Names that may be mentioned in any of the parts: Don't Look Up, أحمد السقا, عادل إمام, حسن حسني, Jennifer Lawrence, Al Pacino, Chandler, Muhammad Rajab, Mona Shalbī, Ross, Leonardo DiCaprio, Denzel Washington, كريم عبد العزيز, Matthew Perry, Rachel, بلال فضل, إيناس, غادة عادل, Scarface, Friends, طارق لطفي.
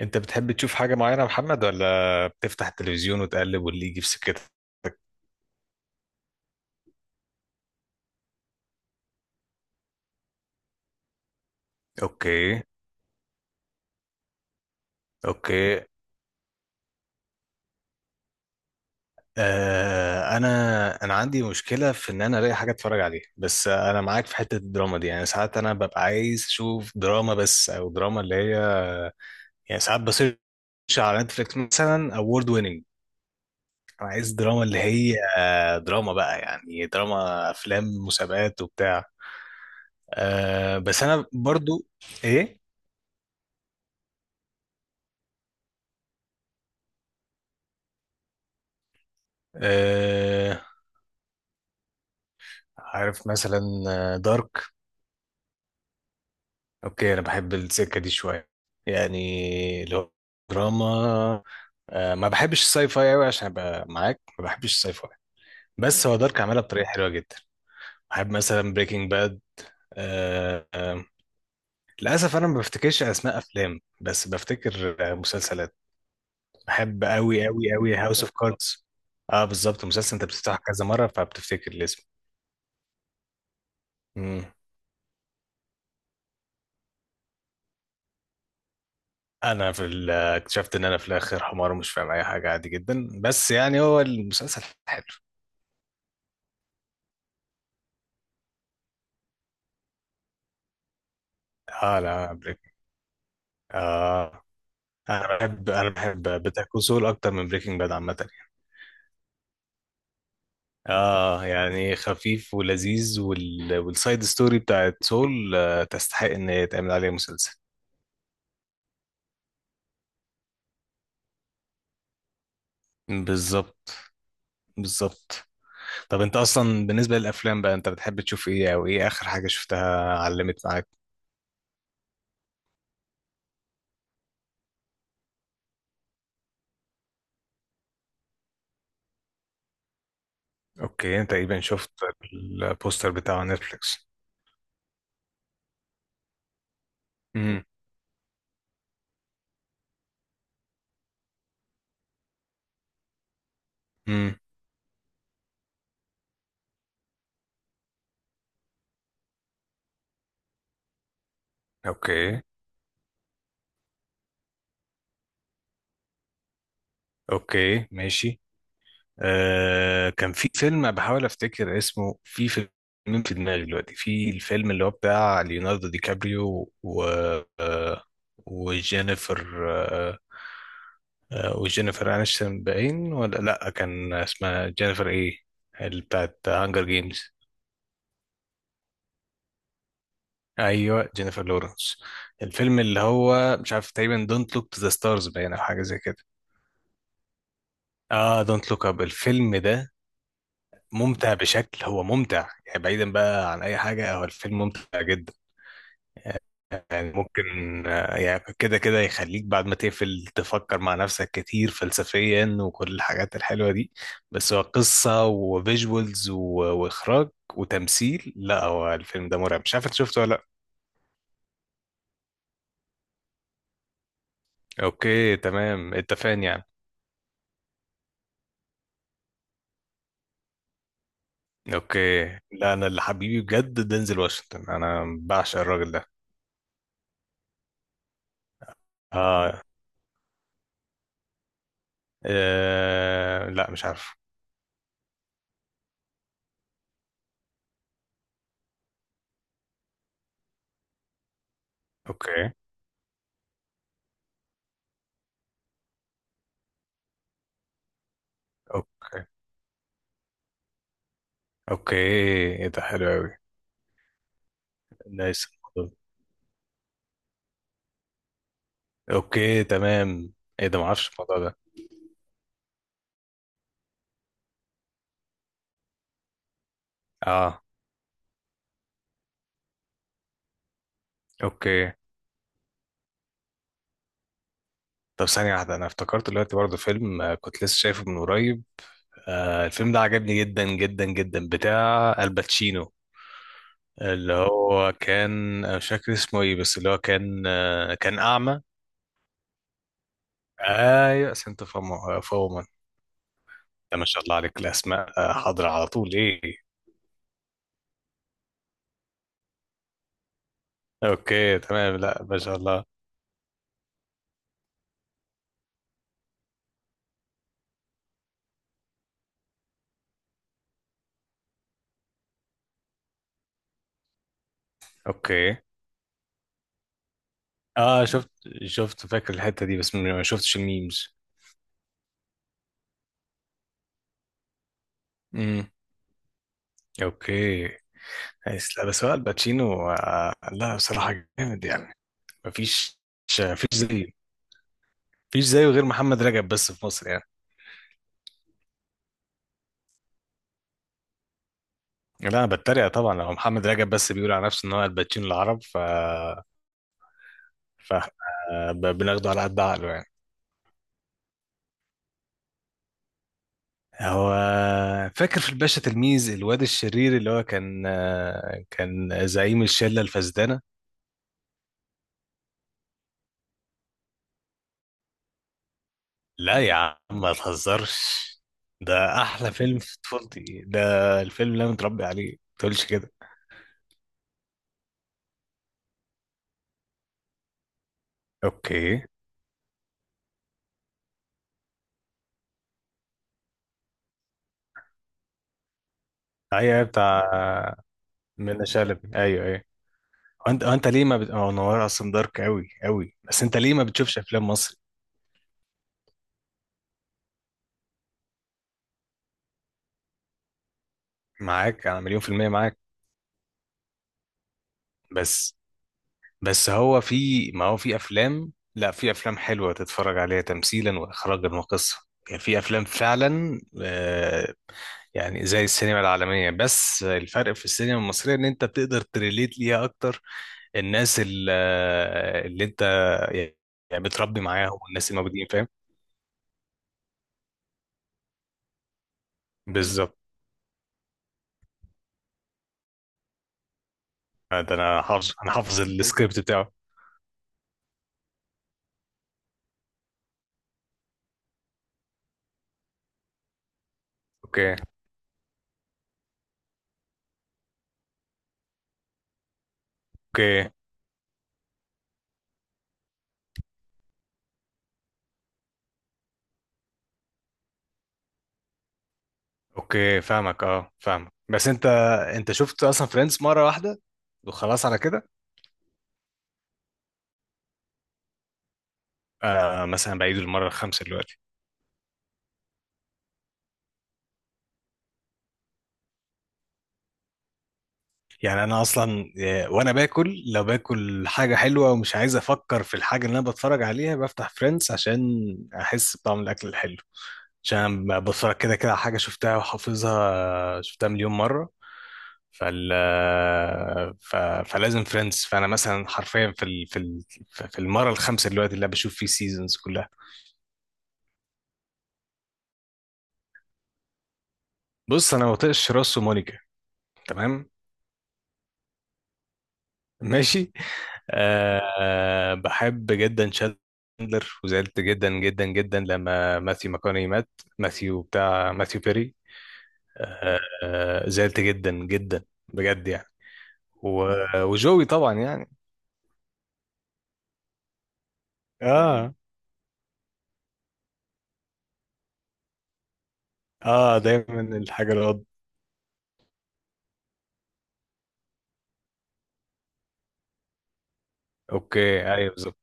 انت بتحب تشوف حاجة معينة يا محمد، ولا بتفتح التلفزيون وتقلب واللي يجي في سكتك؟ اوكي. اوكي. آه، انا عندي مشكلة في ان انا الاقي حاجة اتفرج عليها، بس انا معاك في حتة الدراما دي. يعني ساعات انا ببقى عايز اشوف دراما بس، او دراما اللي هي، يعني ساعات بسيرش على نتفليكس مثلا اوورد ويننج. انا عايز دراما، اللي هي دراما بقى، يعني دراما، افلام، مسابقات وبتاع. بس انا برضو. ايه. آه، عارف مثلا دارك. اوكي انا بحب السكه دي شويه، يعني لو دراما. ما بحبش الساي فاي قوي، عشان ابقى معاك ما بحبش الساي فاي، بس هو دارك عملها بطريقه حلوه جدا. بحب مثلا بريكنج باد. آه، آه، للاسف انا ما بفتكرش اسماء افلام، بس بفتكر مسلسلات. بحب قوي قوي قوي هاوس اوف كاردز. اه بالظبط، مسلسل انت بتفتحه كذا مره فبتفتكر الاسم. مم. اكتشفت ان انا في الاخر حمار ومش فاهم اي حاجه، عادي جدا، بس يعني هو المسلسل حلو. اه لا، بريكنج. اه. انا بحب بيتر كول سول اكتر من بريكنج باد عامه يعني. اه يعني خفيف ولذيذ، والسايد ستوري بتاعت سول تستحق ان هي يتعمل عليها مسلسل. بالظبط. بالظبط. طب انت اصلا بالنسبه للافلام بقى، انت بتحب تشوف ايه؟ او ايه اخر حاجه شفتها علمت معاك؟ اوكي، انت تقريبا شفت البوستر بتاع نتفليكس. امم. اوكي اوكي ماشي. كان في فيلم بحاول افتكر اسمه، في فيلم في دماغي دلوقتي، في الفيلم اللي هو بتاع ليوناردو دي كابريو و آه، وجينيفر آه، آه، وجينيفر انشتون، باين ولا لا كان اسمها جينيفر ايه اللي بتاعت هانجر جيمز؟ ايوه جينيفر لورنس. الفيلم اللي هو مش عارف، تقريبا دونت لوك تو ذا ستارز باين او حاجه زي كده. اه، دونت لوك اب الفيلم ده. ممتع بشكل، هو ممتع يعني، بعيدا بقى عن اي حاجه، هو الفيلم ممتع جدا. يعني ممكن يعني كده كده يخليك بعد ما تقفل تفكر مع نفسك كتير فلسفيا وكل الحاجات الحلوه دي، بس هو قصه وفيجوالز واخراج وتمثيل. لا هو الفيلم ده مرعب، مش عارف انت شفته ولا لا. اوكي تمام، اتفقنا يعني. اوكي. لا، انا اللي حبيبي بجد دينزل واشنطن، انا بعشق الراجل ده. اه. لا مش عارف. اوكي اوكي. اوكي ايه ده، حلو قوي. نايس، الموضوع ده. اوكي تمام. ايه ده، معرفش الموضوع ده. اه. اوكي. طب ثانية واحدة، أنا افتكرت دلوقتي برضه فيلم كنت لسه شايفه من قريب. الفيلم ده عجبني جدا جدا جدا، بتاع الباتشينو، اللي هو كان، أنا مش فاكر اسمه إيه، بس اللي هو كان أعمى. أيوة، سنت فوما فوما. ده ما شاء الله عليك الأسماء حاضرة على طول إيه. أوكي تمام، لا ما شاء الله. أوكي. اه شفت، فاكر الحتة دي، بس ما شفتش الميمز. امم. اوكي. بس لا، بس هو الباتشينو، لا بصراحة جامد يعني. مفيش. مفيش زيه. مفيش زيه غير محمد رجب، بس في مصر يعني. لا انا بتريق طبعا، لو محمد رجب بس بيقول على نفسه ان هو الباتشينو العرب. ف بناخده على قد عقله يعني. هو فاكر في الباشا تلميذ، الواد الشرير اللي هو كان زعيم الشلة الفاسدانة. لا يا عم ما تهزرش، ده احلى فيلم في طفولتي ده، الفيلم اللي انا متربي عليه، ما تقولش كده. اوكي ايوه، بتاع منة شلبي، ايوه ايوه. وانت ليه ما بت... أو نوار اصلا دارك قوي قوي، بس انت ليه ما بتشوفش افلام مصري؟ معاك، انا مليون في المية معاك. بس بس هو في، ما هو في افلام، لا في افلام حلوه تتفرج عليها تمثيلا واخراجا وقصه. يعني في افلام فعلا، يعني زي السينما العالميه، بس الفرق في السينما المصريه ان انت بتقدر تريليت ليها اكتر. الناس ال- آه، اللي انت يعني بتربي معاهم، والناس الموجودين، فاهم. بالظبط. ده انا حافظ السكريبت بتاعه. اوكي. اوكي. اوكي فاهمك، بس انت، انت شفت اصلا فريندز مره واحده وخلاص على كده؟ آه، مثلا بعيد المره الخامسه دلوقتي. يعني انا اصلا وانا باكل، لو باكل حاجه حلوه ومش عايز افكر في الحاجه اللي انا بتفرج عليها، بفتح فريندز عشان احس بطعم الاكل الحلو، عشان أنا بتفرج كده كده على حاجه شفتها وحافظها، شفتها مليون مره. فال ف... فلازم فريندز. فانا مثلا حرفيا في المره الخامسه دلوقتي اللي أنا بشوف فيه سيزونز كلها. بص، انا ما بطيقش روس ومونيكا، تمام. ماشي. أه بحب جدا شاندلر، وزعلت جدا جدا جدا لما ماثيو ماكوني مات. ماثيو، بتاع ماثيو بيري. أه. زعلت جدا جدا بجد يعني. و- وجوي طبعا يعني. اه، اه دايما الحاجة القط. اوكي ايوه بالظبط.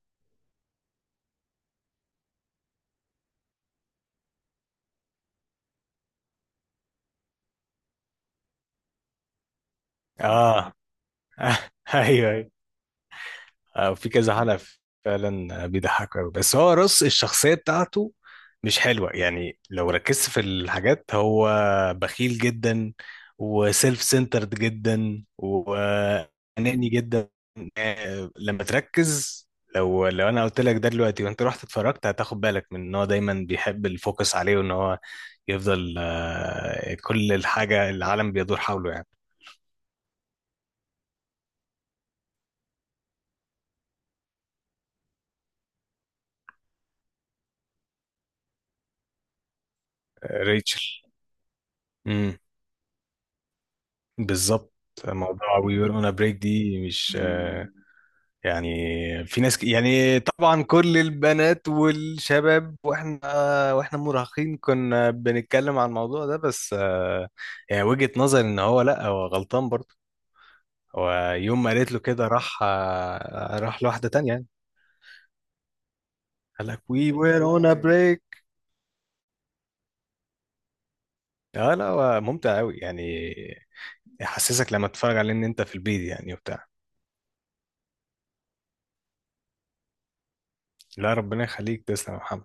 اه ايوه. في كذا حلقة فعلا بيضحكوا قوي، بس هو رص الشخصية بتاعته مش حلوة، يعني لو ركزت في الحاجات هو بخيل جدا وسيلف سنترد جدا وأناني جدا. لما تركز، لو انا قلت لك ده دلوقتي وانت رحت اتفرجت، هتاخد بالك من ان هو دايما بيحب الفوكس عليه، وان هو يفضل كل الحاجة العالم بيدور حوله يعني. آه، ريتشل. بالظبط، موضوع وي وير اون بريك دي مش يعني، يعني طبعا كل البنات والشباب، واحنا مراهقين كنا بنتكلم عن الموضوع ده، بس يعني وجهة نظري ان هو لا، هو غلطان برضه، هو يوم ما قالت له كده راح لواحدة تانية يعني، قال لك وي وير اون بريك. اه لا هو ممتع قوي يعني، يحسسك لما تتفرج عليه ان انت في البيت يعني وبتاع. لا، ربنا يخليك، تسلم يا محمد.